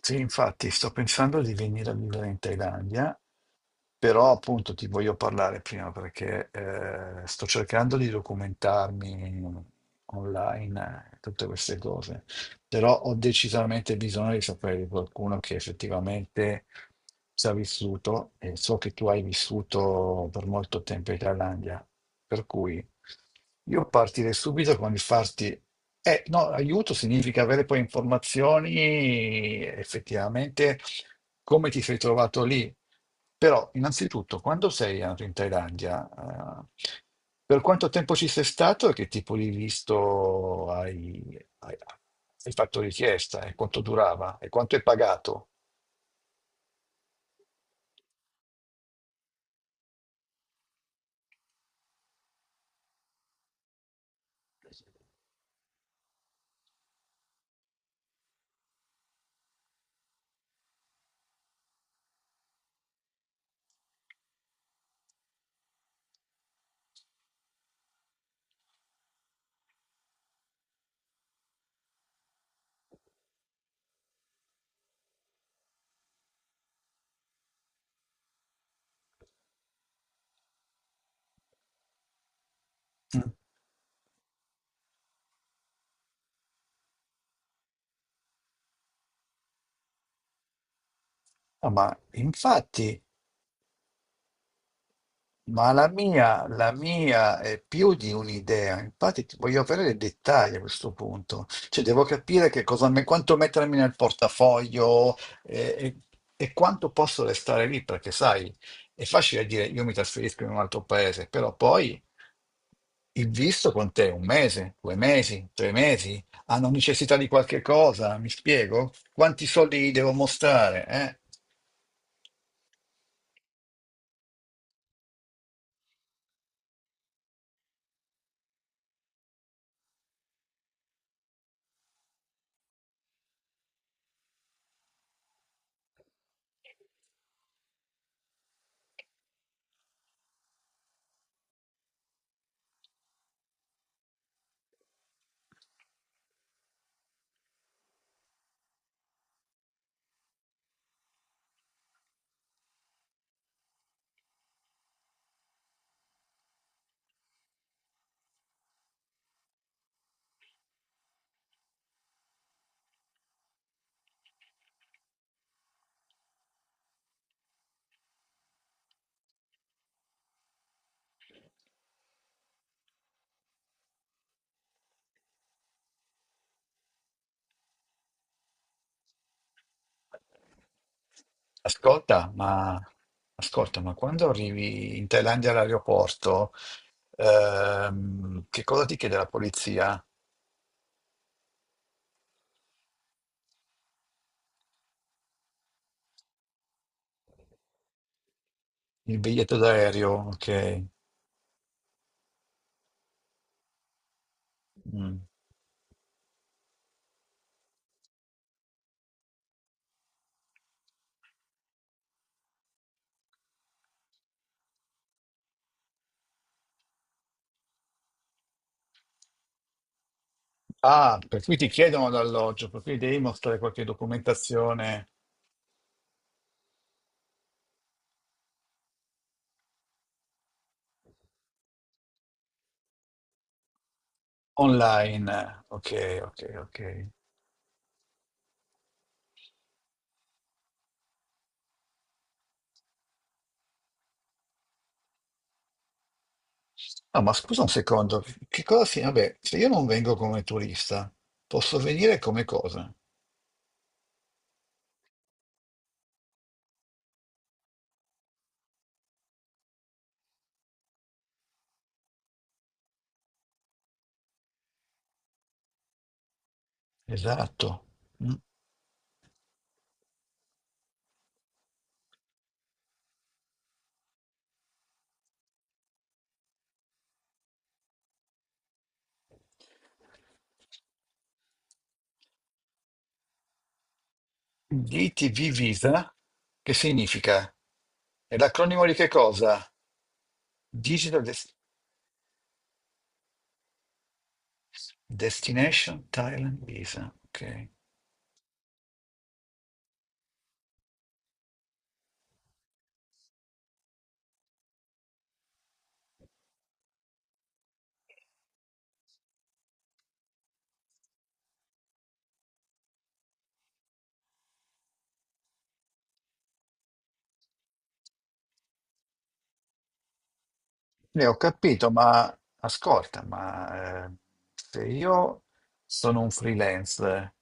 Sì, infatti sto pensando di venire a vivere in Thailandia, però appunto ti voglio parlare prima perché sto cercando di documentarmi online, tutte queste cose, però ho decisamente bisogno di sapere di qualcuno che effettivamente ci ha vissuto e so che tu hai vissuto per molto tempo in Thailandia, per cui io partirei subito con il farti no, aiuto significa avere poi informazioni effettivamente come ti sei trovato lì. Però, innanzitutto, quando sei andato in Thailandia, per quanto tempo ci sei stato e che tipo di visto hai fatto richiesta e quanto durava e quanto hai pagato? Mm. Ah, ma infatti. Ma la mia è più di un'idea, infatti ti voglio avere dei dettagli a questo punto, cioè devo capire che cosa, quanto mettermi nel portafoglio eh, e, e quanto posso restare lì, perché sai, è facile dire io mi trasferisco in un altro paese, però poi il visto con te un mese, 2 mesi, 3 mesi, hanno necessità di qualche cosa, mi spiego? Quanti soldi gli devo mostrare? Eh? Ascolta, ma, ascolta, ma quando arrivi in Thailandia all'aeroporto, che cosa ti chiede la polizia? Il biglietto d'aereo, ok. Mm. Ah, per cui ti chiedono l'alloggio, per cui devi mostrare qualche documentazione online. Ok, ok, ok. No, ma scusa un secondo, che cosa si? Vabbè, se io non vengo come turista, posso venire come cosa? Esatto. Mm. DTV Visa, che significa? È l'acronimo di che cosa? Digital Des- Destination Thailand Visa. Ok. Ne ho capito, ma ascolta, ma se io sono un freelance,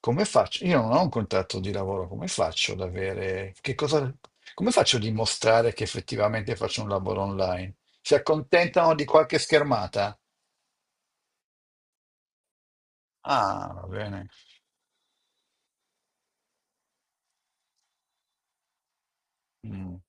come faccio? Io non ho un contratto di lavoro, come faccio ad avere? Che cosa? Come faccio a dimostrare che effettivamente faccio un lavoro online? Si accontentano di qualche schermata? Ah, va bene. Mm.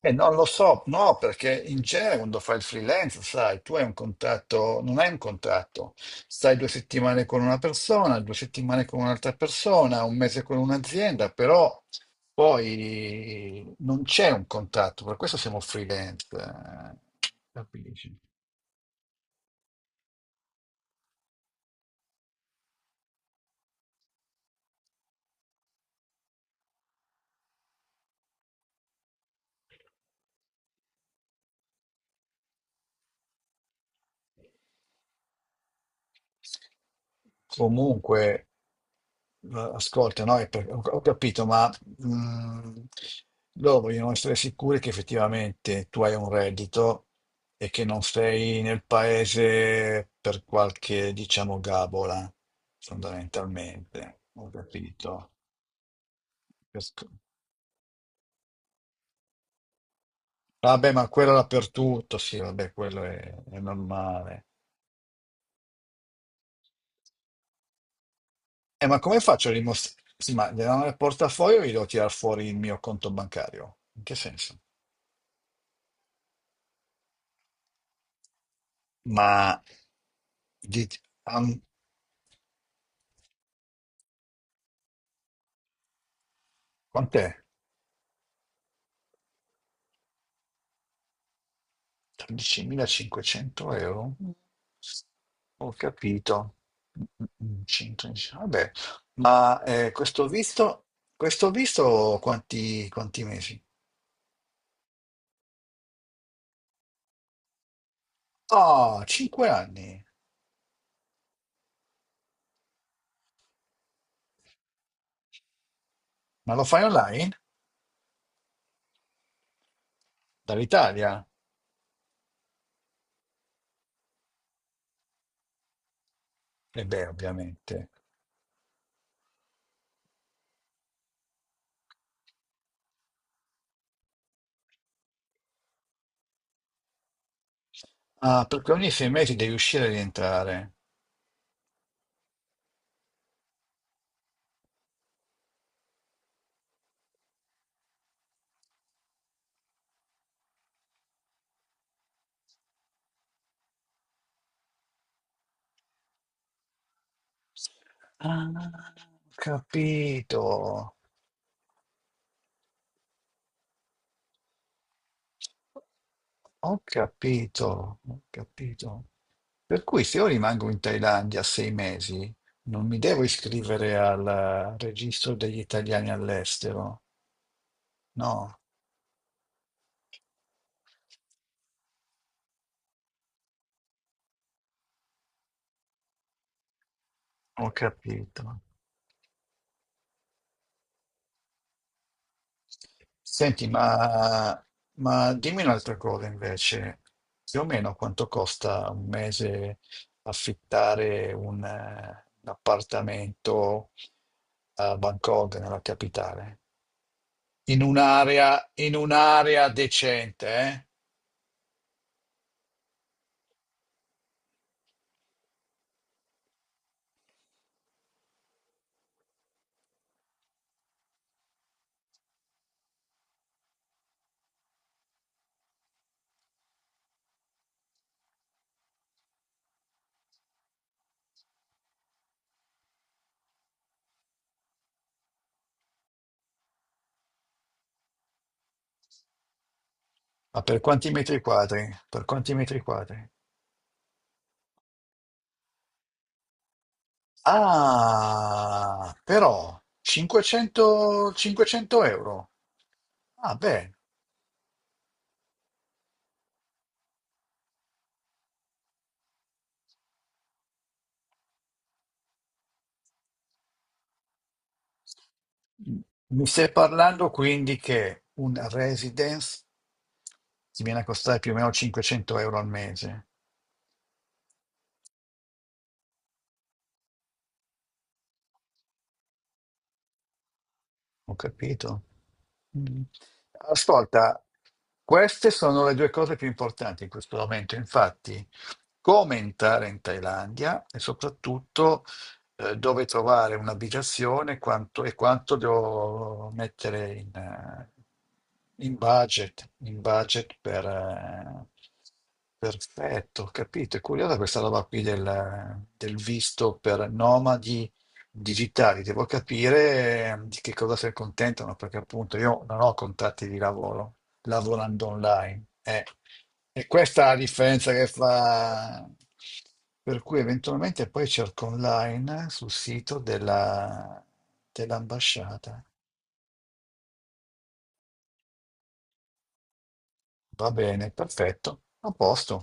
Non lo so, no, perché in genere quando fai il freelance, sai, tu hai un contratto, non hai un contratto, stai 2 settimane con una persona, 2 settimane con un'altra persona, un mese con un'azienda, però poi non c'è un contratto, per questo siamo freelance, capisci? Comunque, ascolta, no? Ho capito, ma mm, loro vogliono essere sicuri che effettivamente tu hai un reddito e che non sei nel paese per qualche, diciamo, gabola, fondamentalmente. Ho capito. Pesco- Vabbè, ma quello dappertutto, sì, vabbè, quello è normale. Ma come faccio a dimostrare? Sì, ma nel portafoglio io devo tirare fuori il mio conto bancario. In che senso? Ma di, am- quant'è? 13.500 euro? Mm. Ho capito. 110. Vabbè, ma questo visto quanti mesi? Oh, 5 anni. Ma lo fai online? Dall'Italia? E beh, ovviamente. Ah, perché ogni 6 mesi devi uscire e rientrare. Ah, ho capito. Ho capito, ho capito. Per cui se io rimango in Thailandia 6 mesi, non mi devo iscrivere al registro degli italiani all'estero. No, ho capito. Senti, ma dimmi un'altra cosa invece. Più o meno quanto costa un mese affittare un appartamento a Bangkok, nella capitale? In un'area decente, eh? Ma per quanti metri quadri? Per quanti metri quadri? Ah, però 500, 500 euro. Ah, beh, mi stai parlando quindi che un residence ti viene a costare più o meno 500 euro al mese. Ho capito. Mm. Ascolta, queste sono le due cose più importanti in questo momento, infatti, come entrare in Thailandia e soprattutto dove trovare un'abitazione quanto- e quanto devo mettere in budget per. Perfetto, ho capito. È curiosa questa roba qui del visto per nomadi digitali, devo capire di che cosa si accontentano, perché appunto io non ho contratti di lavoro, lavorando online. E questa è la differenza che fa. Per cui eventualmente poi cerco online sul sito dell'ambasciata. Va bene, perfetto, a posto.